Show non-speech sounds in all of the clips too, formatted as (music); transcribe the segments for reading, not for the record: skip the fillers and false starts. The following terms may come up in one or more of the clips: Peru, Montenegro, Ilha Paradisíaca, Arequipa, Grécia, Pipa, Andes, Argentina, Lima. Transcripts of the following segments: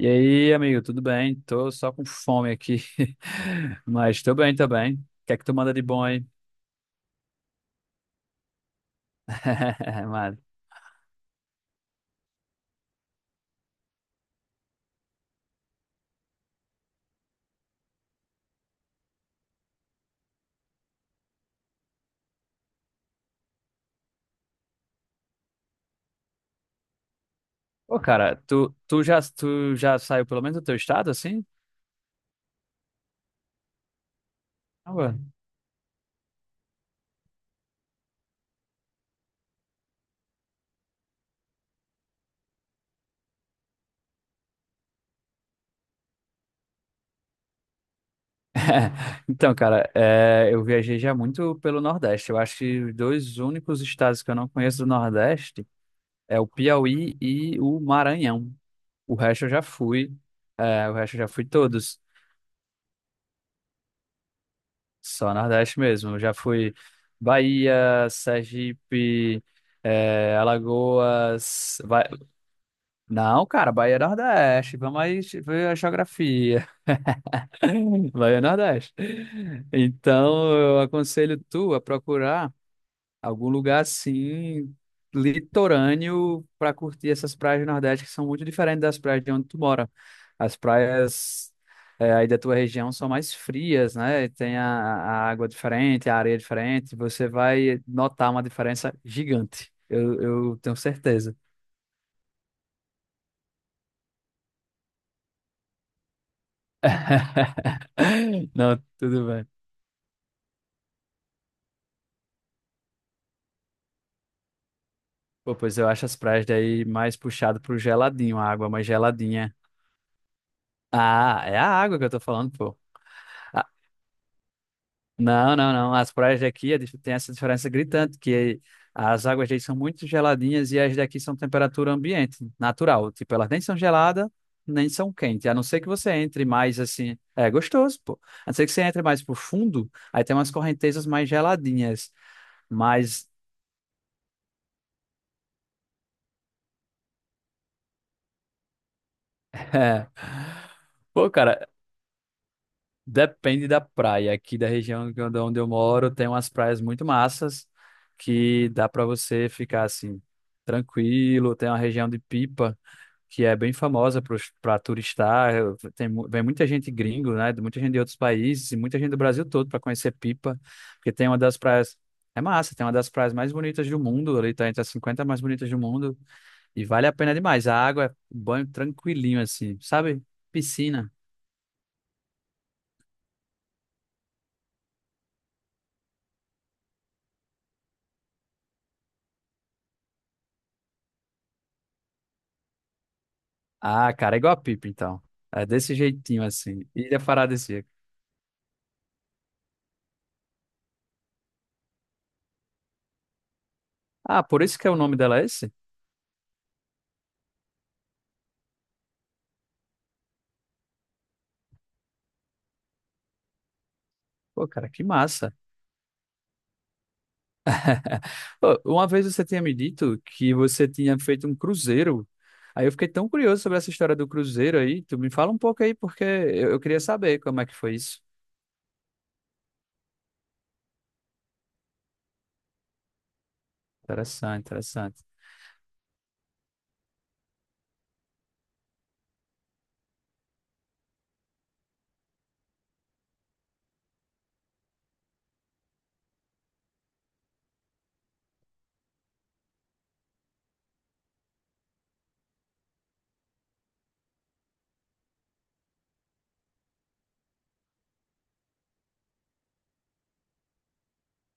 E aí, amigo, tudo bem? Tô só com fome aqui, (laughs) mas tô bem, tô bem. O que é que tu manda de bom aí? (laughs) Mano. Ô, cara, tu já saiu pelo menos do teu estado, assim? Ah, ué. (laughs) Então, cara, eu viajei já muito pelo Nordeste. Eu acho que os dois únicos estados que eu não conheço do Nordeste é o Piauí e o Maranhão. O resto eu já fui, todos. Só Nordeste mesmo. Eu já fui Bahia, Sergipe, Alagoas. Vai... Não, cara, Bahia é Nordeste. Vamos aí ver a geografia. (laughs) Bahia é Nordeste. Então, eu aconselho tu a procurar algum lugar assim, litorâneo, para curtir essas praias do Nordeste que são muito diferentes das praias de onde tu mora. As praias aí da tua região são mais frias, né? Tem a água diferente, a areia diferente. Você vai notar uma diferença gigante. Eu tenho certeza. (laughs) Não, tudo bem. Pô, pois eu acho as praias daí mais puxado pro geladinho, a água mais geladinha. Ah, é a água que eu tô falando, pô. Não, não, não. As praias daqui é tem essa diferença gritante, que as águas daí são muito geladinhas e as daqui são temperatura ambiente, natural. Tipo, elas nem são geladas, nem são quentes. A não ser que você entre mais assim. É gostoso, pô. A não ser que você entre mais pro fundo, aí tem umas correntezas mais geladinhas. Mas, (laughs) é. Pô, cara, depende da praia. Aqui da região onde eu moro, tem umas praias muito massas que dá pra você ficar assim, tranquilo. Tem uma região de Pipa, que é bem famosa para turistar. Vem muita gente gringo, né? de Muita gente de outros países e muita gente do Brasil todo para conhecer Pipa, porque tem uma das praias. É massa, tem uma das praias mais bonitas do mundo, ali tá entre as 50 mais bonitas do mundo, e vale a pena demais. A água é um banho tranquilinho, assim, sabe? Piscina. Ah, cara, é igual a Pipa, então. É desse jeitinho, assim. Ilha Paradisíaca. Ah, por isso que é o nome dela é esse? Pô, cara, que massa. Pô, uma vez você tinha me dito que você tinha feito um cruzeiro. Aí eu fiquei tão curioso sobre essa história do cruzeiro aí. Tu me fala um pouco aí, porque eu queria saber como é que foi isso. Interessante, interessante.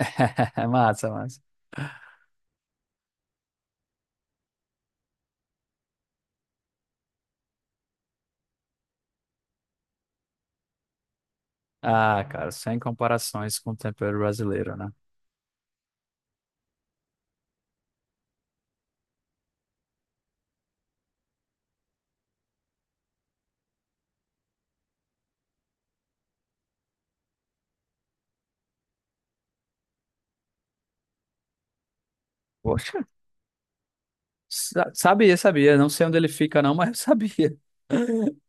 (laughs) Massa, massa. Ah, cara, sem comparações com o tempero brasileiro, né? Poxa, sabia, sabia. Não sei onde ele fica, não, (laughs) mas eu sabia. (laughs)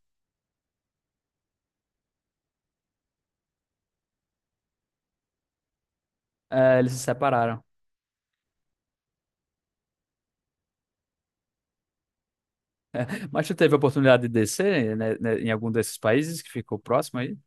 É, eles se separaram. (laughs) Mas tu teve a oportunidade de descer, né, em algum desses países que ficou próximo aí?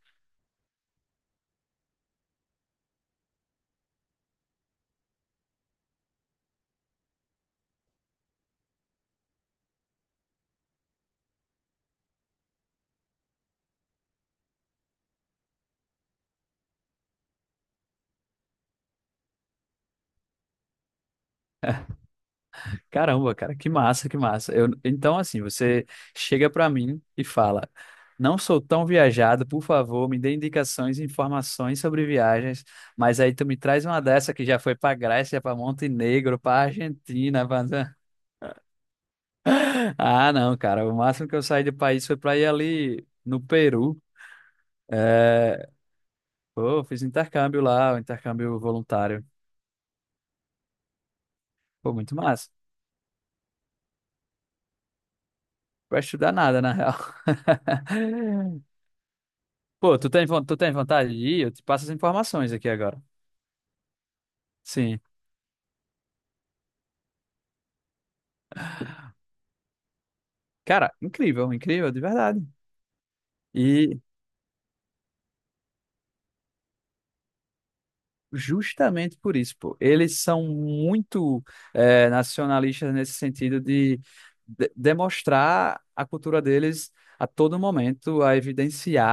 Caramba, cara, que massa, que massa. Eu, então, assim, você chega pra mim e fala: Não sou tão viajado, por favor, me dê indicações e informações sobre viagens. Mas aí tu me traz uma dessa que já foi pra Grécia, pra Montenegro, pra Argentina. (laughs) Ah, não, cara, o máximo que eu saí do país foi pra ir ali no Peru. É... Pô, fiz intercâmbio lá, um intercâmbio voluntário. Pô, muito massa. Pra estudar nada, na real. (laughs) Pô, tu tem vontade de ir? Eu te passo as informações aqui agora. Sim. Cara, incrível, incrível, de verdade. E, Justamente por isso, pô. Eles são muito nacionalistas nesse sentido de, demonstrar a cultura deles a todo momento, a evidenciar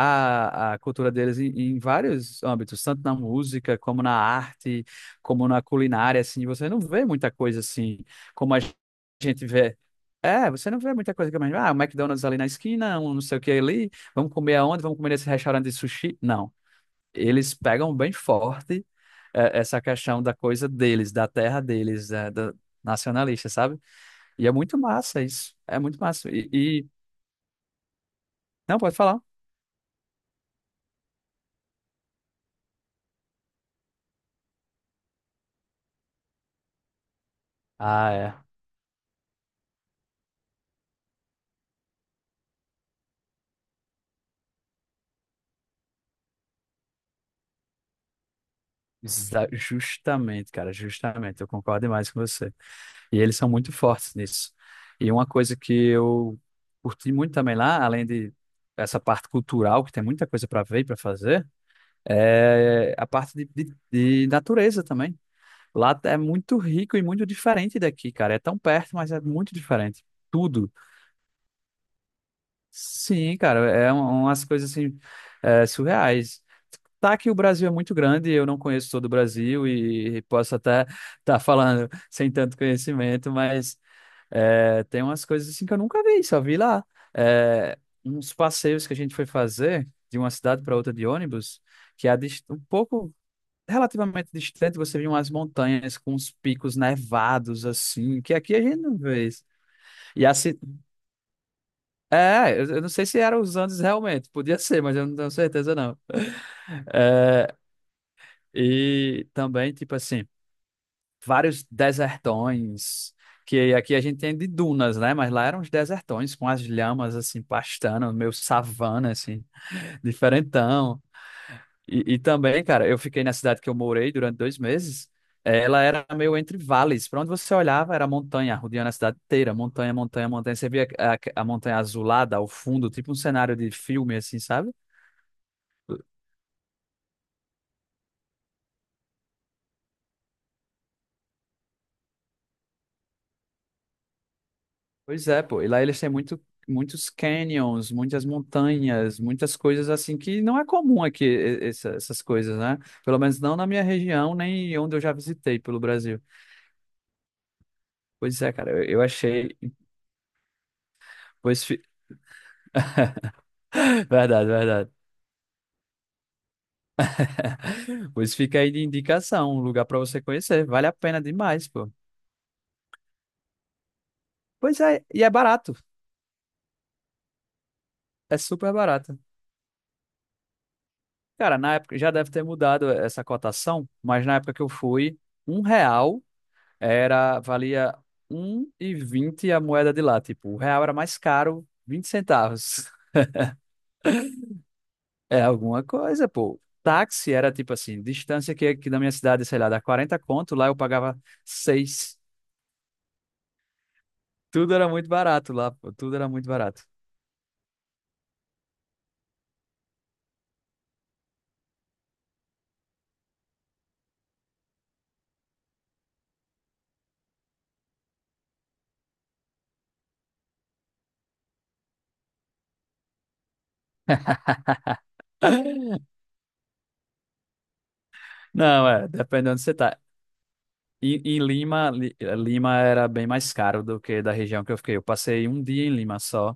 a cultura deles em vários âmbitos, tanto na música, como na arte, como na culinária, assim. Você não vê muita coisa assim como a gente vê. É, você não vê muita coisa que o McDonald's ali na esquina, um não sei o que ali, vamos comer aonde, vamos comer nesse restaurante de sushi. Não eles pegam bem forte essa questão da coisa deles, da terra deles, nacionalista, sabe? E é muito massa isso. É muito massa. Não, pode falar. Ah, é. Justamente, cara, justamente. Eu concordo demais com você. E eles são muito fortes nisso. E uma coisa que eu curti muito também lá, além de essa parte cultural, que tem muita coisa para ver e para fazer, é a parte de, de natureza também. Lá é muito rico e muito diferente daqui, cara. É tão perto, mas é muito diferente. Tudo. Sim, cara, umas coisas assim, surreais. Tá que o Brasil é muito grande, eu não conheço todo o Brasil e posso até estar falando (laughs) sem tanto conhecimento, mas tem umas coisas assim que eu nunca vi, só vi lá. É, uns passeios que a gente foi fazer de uma cidade para outra de ônibus, que é um pouco relativamente distante, você vê umas montanhas com uns picos nevados, assim, que aqui a gente não vê isso. E assim, eu não sei se eram os Andes realmente, podia ser, mas eu não tenho certeza, não. (laughs) É, e também, tipo assim, vários desertões, que aqui a gente tem de dunas, né? Mas lá eram os desertões, com as lhamas, assim, pastando, meio savana, assim, diferentão. E também, cara, eu fiquei na cidade que eu morei durante 2 meses. Ela era meio entre vales. Para onde você olhava era montanha, rodeando a cidade inteira, montanha, montanha, montanha. Você via a montanha azulada ao fundo, tipo um cenário de filme, assim, sabe? Pois é, pô. E lá eles têm muitos canyons, muitas montanhas, muitas coisas assim que não é comum aqui, essas coisas, né? Pelo menos não na minha região, nem onde eu já visitei pelo Brasil. Pois é, cara, eu achei. Pois, (laughs) verdade, verdade. (laughs) Pois fica aí de indicação, um lugar para você conhecer. Vale a pena demais, pô. Pois é, e é barato. É super barato. Cara, na época já deve ter mudado essa cotação, mas na época que eu fui, R$ 1 valia um e vinte a moeda de lá. Tipo, o real era mais caro, 20 centavos. (laughs) É alguma coisa, pô. Táxi era tipo assim, distância que aqui da minha cidade, sei lá, dá 40 conto, lá eu pagava seis. Tudo era muito barato lá, pô. Tudo era muito barato. (laughs) Não, é, depende de onde você tá. Em Lima, Lima era bem mais caro do que da região que eu fiquei. Eu passei um dia em Lima só,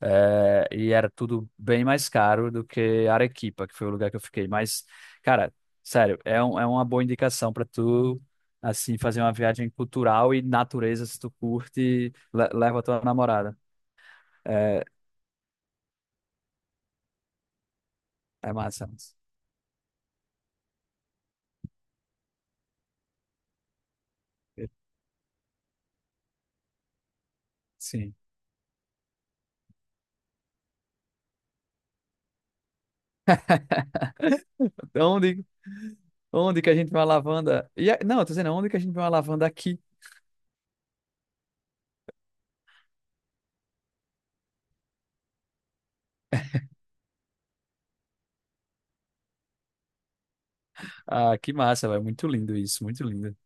e era tudo bem mais caro do que Arequipa, que foi o lugar que eu fiquei. Mas, cara, sério, é uma boa indicação para tu, assim, fazer uma viagem cultural e natureza, se tu curte, leva a tua namorada. É, é massa. Sim. (laughs) Onde, onde que a gente vê uma lavanda? Não, eu tô dizendo, onde que a gente vê uma lavanda aqui? Ah, que massa, velho. Muito lindo isso, muito lindo.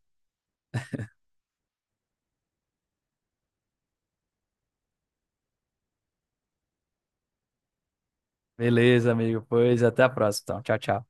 Beleza, amigo. Pois até a próxima, então. Tchau, tchau.